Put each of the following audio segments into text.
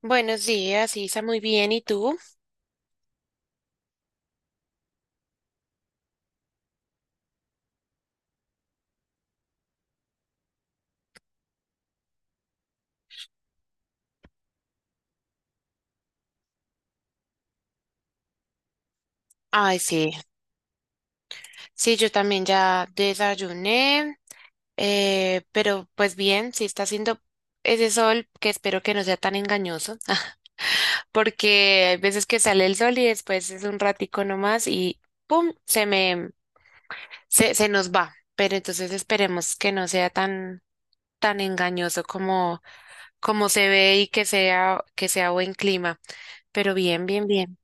Buenos días, Isa, muy bien. ¿Y tú? Ay, sí, sí, yo también ya desayuné, pero pues bien, sí está haciendo ese sol que espero que no sea tan engañoso, porque hay veces que sale el sol y después es un ratico nomás y ¡pum! Se nos va. Pero entonces esperemos que no sea tan engañoso como se ve y que que sea buen clima. Pero bien, bien, bien.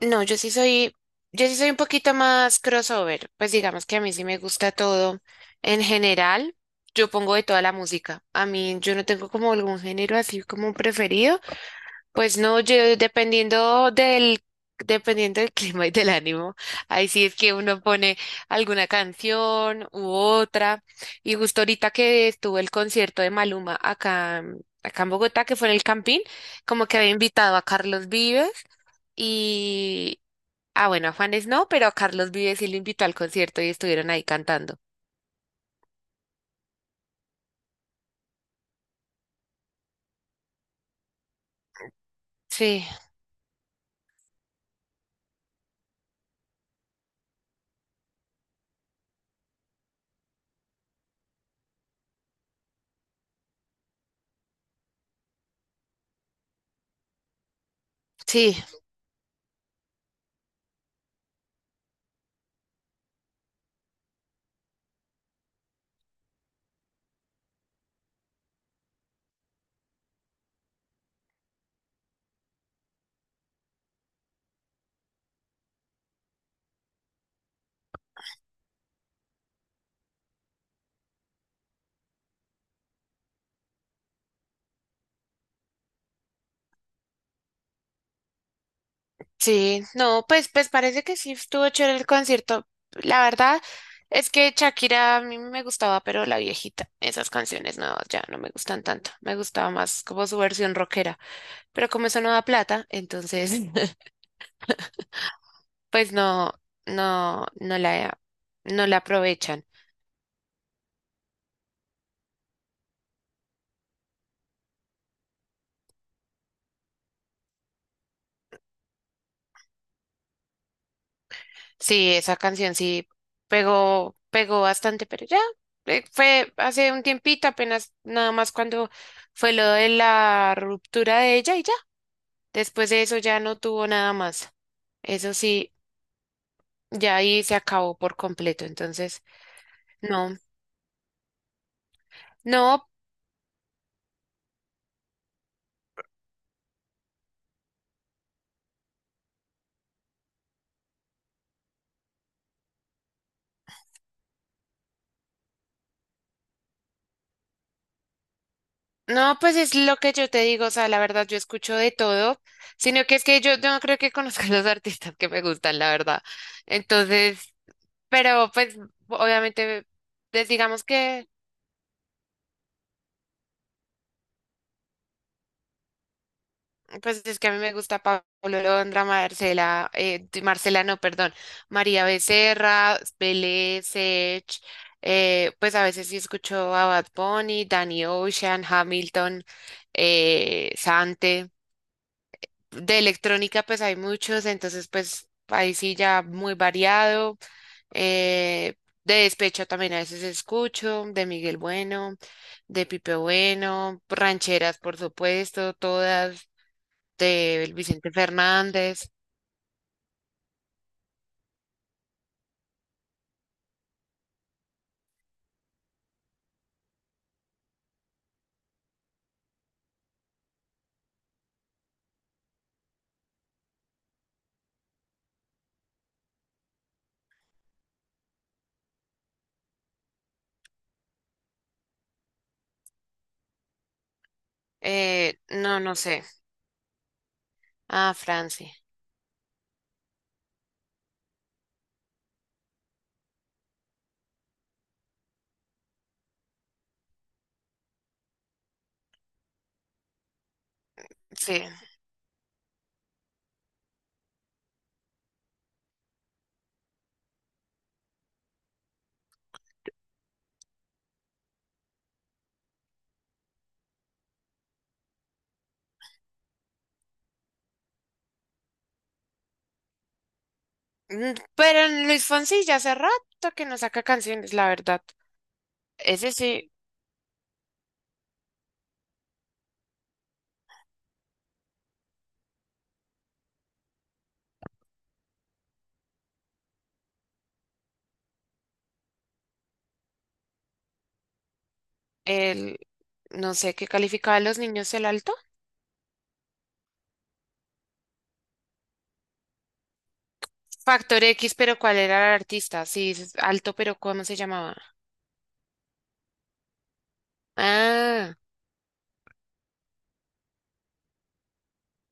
No, yo sí soy un poquito más crossover, pues digamos que a mí sí me gusta todo. En general, yo pongo de toda la música. A mí yo no tengo como algún género así como preferido, pues no, yo dependiendo del clima y del ánimo, ahí sí es que uno pone alguna canción u otra. Y justo ahorita que estuvo el concierto de Maluma acá en Bogotá, que fue en el Campín, como que había invitado a Carlos Vives y, ah, bueno, a Juanes no, pero a Carlos Vives sí lo invitó al concierto y estuvieron ahí cantando. Sí, sí, sí. No, pues parece que sí estuvo chévere el concierto. La verdad es que Shakira a mí me gustaba, pero la viejita. Esas canciones nuevas ya no me gustan tanto. Me gustaba más como su versión rockera. Pero como eso no da plata, entonces, pues no, no, no la, no la aprovechan. Sí, esa canción sí pegó bastante, pero ya fue hace un tiempito, apenas nada más cuando fue lo de la ruptura de ella y ya. Después de eso ya no tuvo nada más. Eso sí, ya ahí se acabó por completo. Entonces, no, no, no, pues es lo que yo te digo. O sea, la verdad, yo escucho de todo, sino que es que yo no creo que conozca los artistas que me gustan, la verdad. Entonces, pero pues obviamente, pues, digamos que pues es que a mí me gusta Pablo Londra, Marcela, di- Marcela no, perdón, María Becerra, Belé, Sech, pues a veces sí escucho a Bad Bunny, Danny Ocean, Hamilton, Sante. De electrónica pues hay muchos, entonces pues ahí sí ya muy variado. eh, de despecho también a veces escucho, de Miguel Bueno, de Pipe Bueno, rancheras por supuesto, todas de Vicente Fernández, no, no sé, ah, Franci, sí. Mm, pero en Luis Fonsi ya hace rato que no saca canciones, la verdad, ese sí, el, no sé qué calificaba a los niños el alto, Factor X, pero ¿cuál era el artista? Sí, es alto, pero ¿cómo se llamaba? Ah,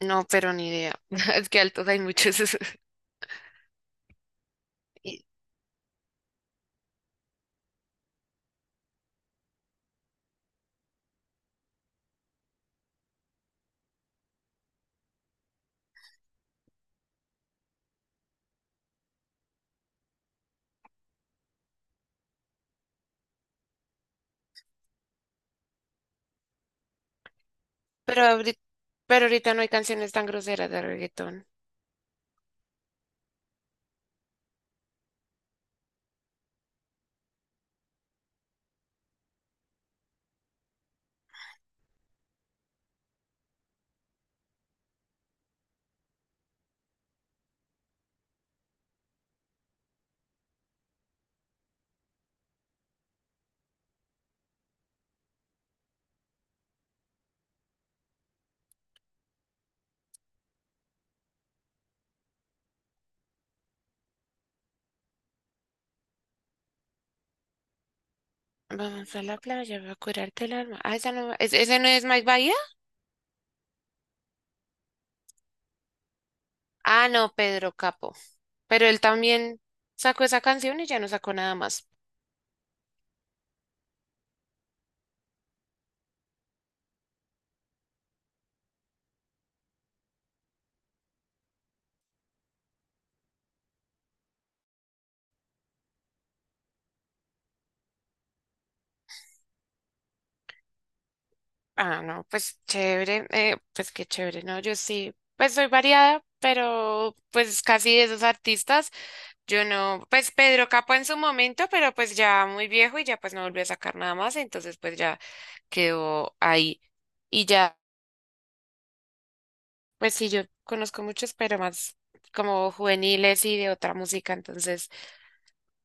no, pero ni idea, es que altos hay muchos, Y- pero pero ahorita no hay canciones tan groseras de reggaetón. Vamos a la playa, voy a curarte el alma. Ah, esa no, ¿ese no es Mike Bahía? Ah, no, Pedro Capo. Pero él también sacó esa canción y ya no sacó nada más. Ah, no, pues chévere, pues qué chévere, ¿no? Yo sí, pues soy variada, pero pues casi de esos artistas, yo no, pues Pedro Capo en su momento, pero pues ya muy viejo y ya pues no volvió a sacar nada más, entonces pues ya quedó ahí. Y ya, pues sí, yo conozco muchos, pero más como juveniles y de otra música, entonces...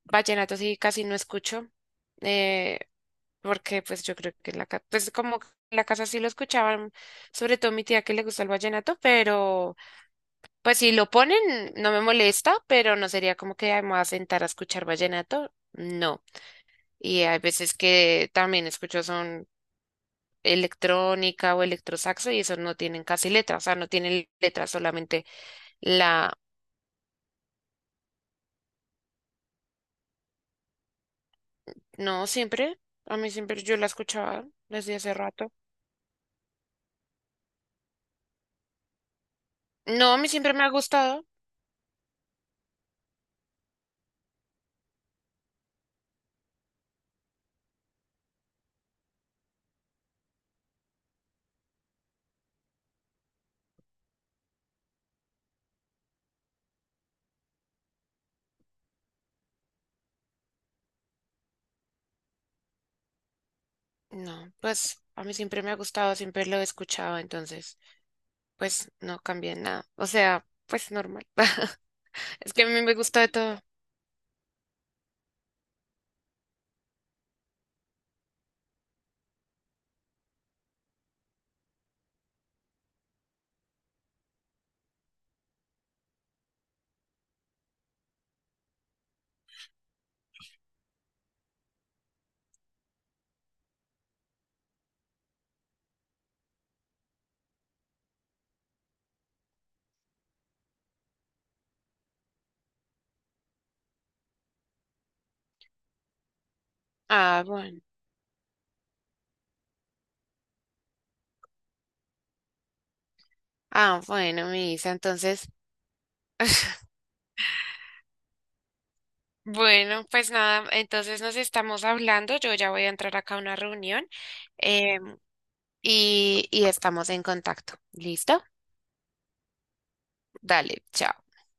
Vallenato sí casi no escucho, eh, porque pues yo creo que en la casa sí lo escuchaban, sobre todo mi tía que le gusta el vallenato, pero pues si lo ponen no me molesta, pero no sería como que "Ay, me voy a sentar a escuchar vallenato", no. Y hay veces que también escucho son electrónica o electrosaxo y esos no tienen casi letras, o sea, no tienen letras, solamente la, no siempre, a mí siempre yo la escuchaba desde hace rato. No, a mí siempre me ha gustado. No, pues a mí siempre me ha gustado, siempre lo he escuchado, entonces, pues no cambié nada. O sea, pues normal. Es que a mí me gusta de todo. Ah, bueno. Ah, bueno, Misa, entonces, bueno, pues nada, entonces nos estamos hablando. Yo ya voy a entrar acá a una reunión em, y estamos en contacto. ¿Listo? Dale, chao.